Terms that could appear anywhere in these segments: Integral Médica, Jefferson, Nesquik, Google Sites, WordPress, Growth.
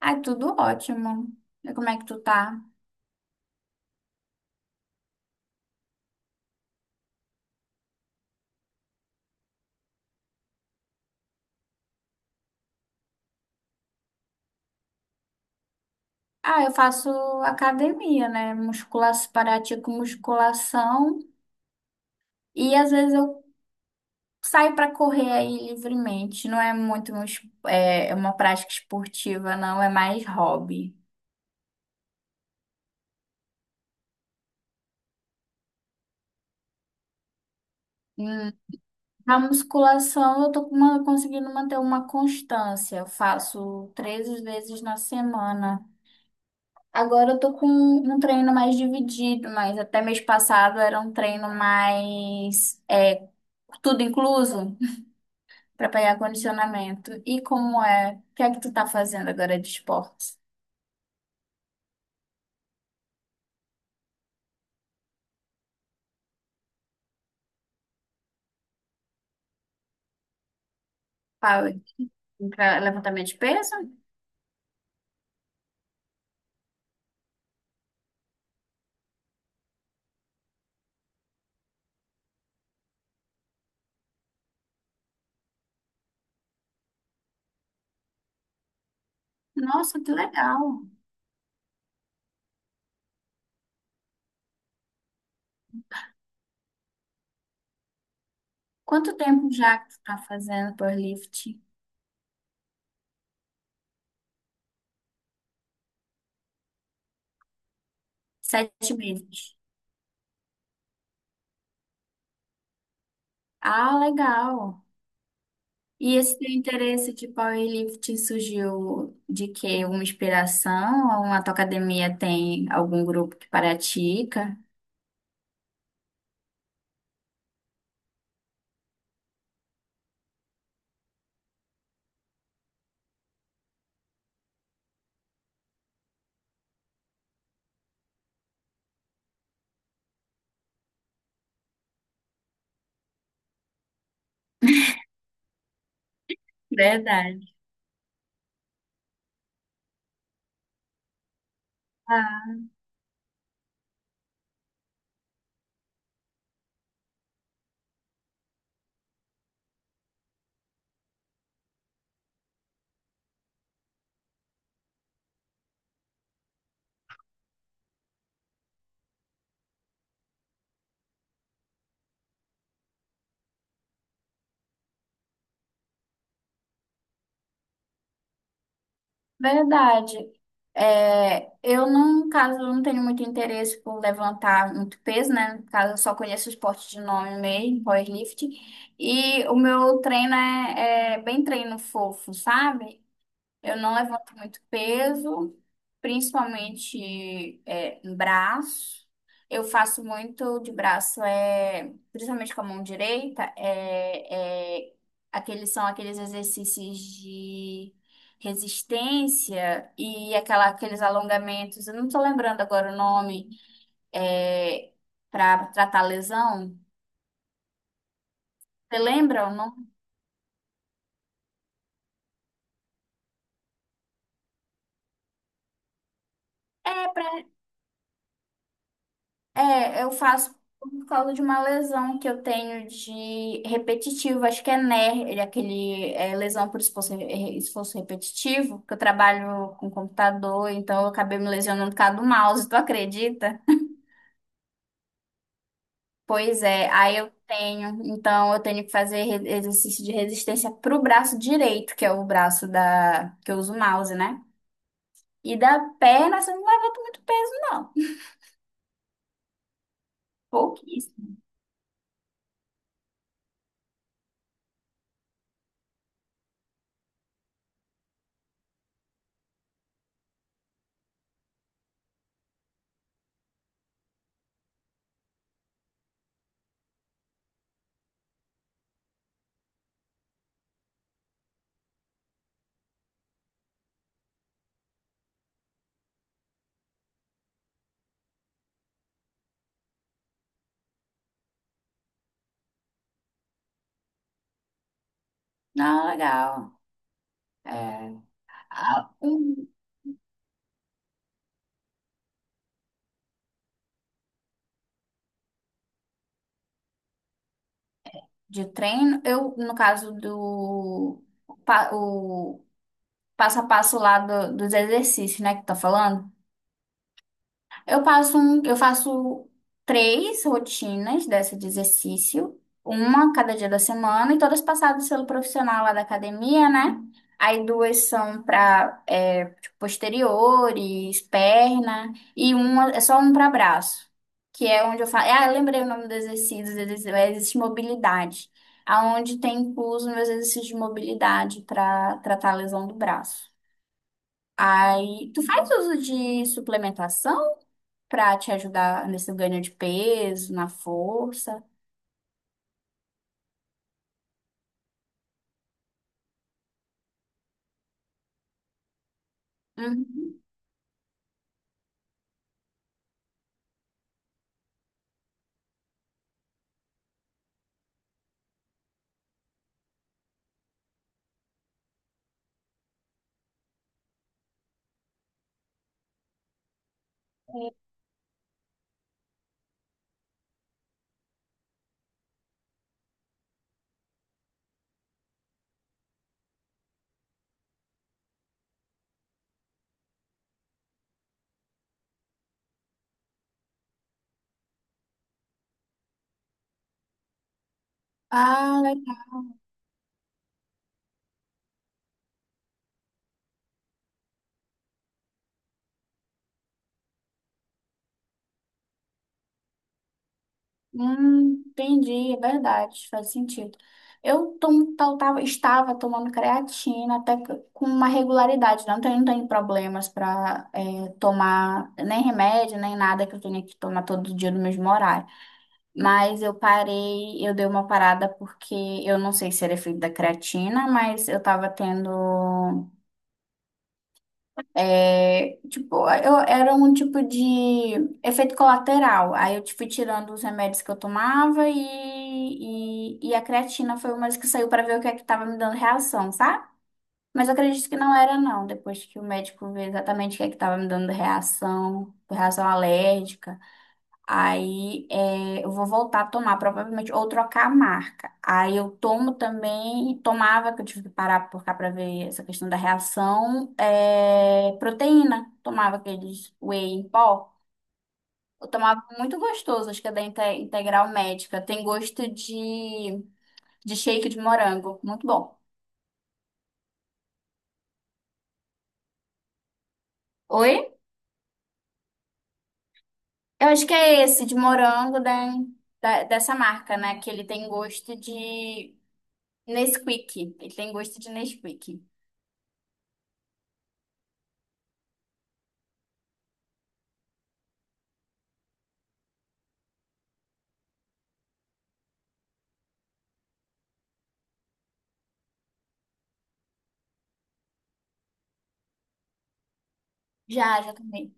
Ai, tudo ótimo. E como é que tu tá? Ah, eu faço academia, né? Musculação, parati com musculação e às vezes eu saio pra correr aí livremente. Não é muito é uma prática esportiva, não, é mais hobby. Hum, Na musculação eu tô com conseguindo manter uma constância. Eu faço três vezes na semana. Agora eu tô com um treino mais dividido, mas até mês passado era um treino mais. Tudo incluso? Pra pegar condicionamento. E como é? O que é que tu tá fazendo agora de esportes? Power. Pra levantamento de peso? Nossa, que legal. Quanto tempo já que tu tá fazendo powerlifting? 7 meses. Ah, legal. E esse teu interesse de powerlifting surgiu de quê? Uma inspiração? Ou a tua academia tem algum grupo que pratica? Verdade. Verdade. É, eu, no caso, não tenho muito interesse por levantar muito peso, né? No caso, eu só conheço o esporte de nome mesmo, powerlifting. E o meu treino é bem treino fofo, sabe? Eu não levanto muito peso, principalmente em braço. Eu faço muito de braço, principalmente com a mão direita, aqueles são aqueles exercícios de resistência e aqueles alongamentos. Eu não estou lembrando agora o nome, é, para tratar lesão. Você lembra o nome? É, eu faço por causa de uma lesão que eu tenho de repetitivo, acho que é NER, lesão por esforço, esforço repetitivo, que eu trabalho com computador, então eu acabei me lesionando por causa do mouse, tu acredita? Pois é, aí então eu tenho que fazer exercício de resistência pro braço direito, que é o braço da que eu uso o mouse, né? E da perna, você não levanta muito peso, não. Pouquíssimo. Não, legal. É. Ah, de treino. Eu, no caso do o passo a passo lá dos exercícios, né, que tá falando. Eu faço três rotinas dessa de exercício, uma cada dia da semana, e todas passadas pelo profissional lá da academia, né? Aí duas são para posteriores, perna, e uma é só um para braço, que é onde eu faço. Ah, eu lembrei o nome dos exercícios, existe mobilidade, aonde tem incluso meus exercícios de mobilidade para tratar a lesão do braço. Aí, tu faz uso de suplementação? Pra te ajudar nesse ganho de peso, na força. Uhum. Ah, legal. Entendi, é verdade, faz sentido. Eu tomo, estava tomando creatina até que com uma regularidade, não tenho problemas para tomar nem remédio, nem nada que eu tenha que tomar todo dia no mesmo horário. Mas eu parei, eu dei uma parada porque eu não sei se era efeito da creatina, mas eu estava tendo. É, tipo, eu era um tipo de efeito colateral. Aí eu fui tirando os remédios que eu tomava e a creatina foi uma das que saiu para ver o que é que estava me dando reação, sabe? Mas eu acredito que não era, não, depois que o médico vê exatamente o que é que estava me dando reação, reação alérgica. Aí eu vou voltar a tomar, provavelmente, ou trocar a marca. Aí eu tomo também, tomava, que eu tive que parar por cá para ver essa questão da reação, proteína. Tomava aqueles whey em pó. Eu tomava muito gostoso, acho que é da Integral Médica. Tem gosto de shake de morango, muito bom. Oi? Eu acho que é esse, de morango da, dessa marca, né? Que ele tem gosto de Nesquik. Ele tem gosto de Nesquik. Já, já também.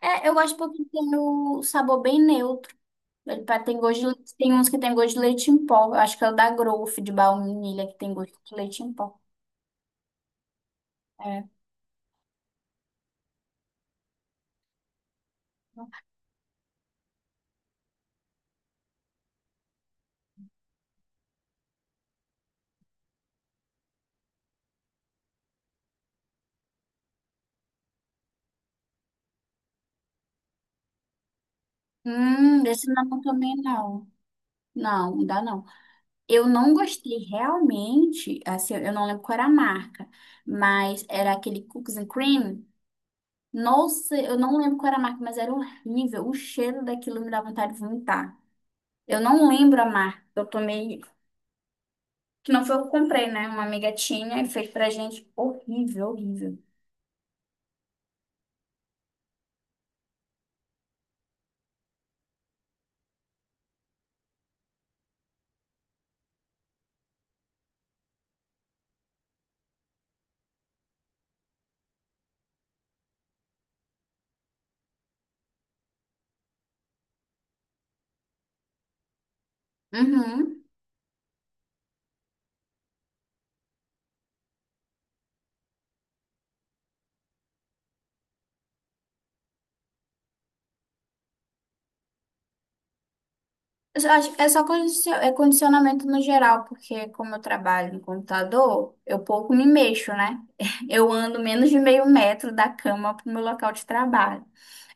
É, eu gosto porque tem o sabor bem neutro. Ele tem gosto de tem uns que tem gosto de leite em pó. Eu acho que é o da Growth de baunilha que tem gosto de leite em pó. É. Esse não também não. Não, não dá não. Eu não gostei realmente, assim, eu não lembro qual era a marca, mas era aquele Cookies and Cream. Nossa, eu não lembro qual era a marca, mas era horrível. O cheiro daquilo me dá vontade de vomitar. Eu não lembro a marca. Eu tomei Que não foi eu que comprei, né? Uma amiga tinha e fez pra gente. Horrível, horrível. Uhum. Eu só acho- É só condicio- é condicionamento no geral, porque como eu trabalho no computador, eu pouco me mexo, né? Eu ando menos de meio metro da cama pro meu local de trabalho.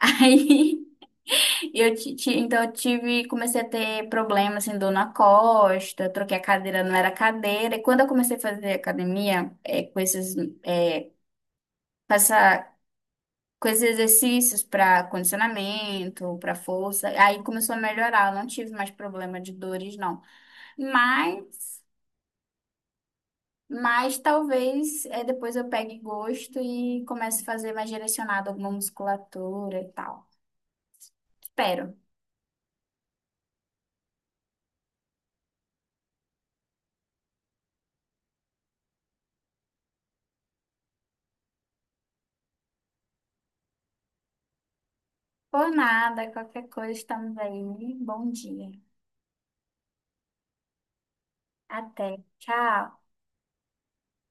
Aí então comecei a ter problema assim, dor na costa, troquei a cadeira, não era cadeira. E quando eu comecei a fazer academia, é, com esses, é, com essa com esses exercícios para condicionamento, para força. Aí começou a melhorar, eu não tive mais problema de dores, não. Mas, mas, talvez depois eu pegue gosto e comece a fazer mais direcionado alguma musculatura e tal. Espero. Por nada, qualquer coisa, estamos aí. Bom dia. Até. Tchau.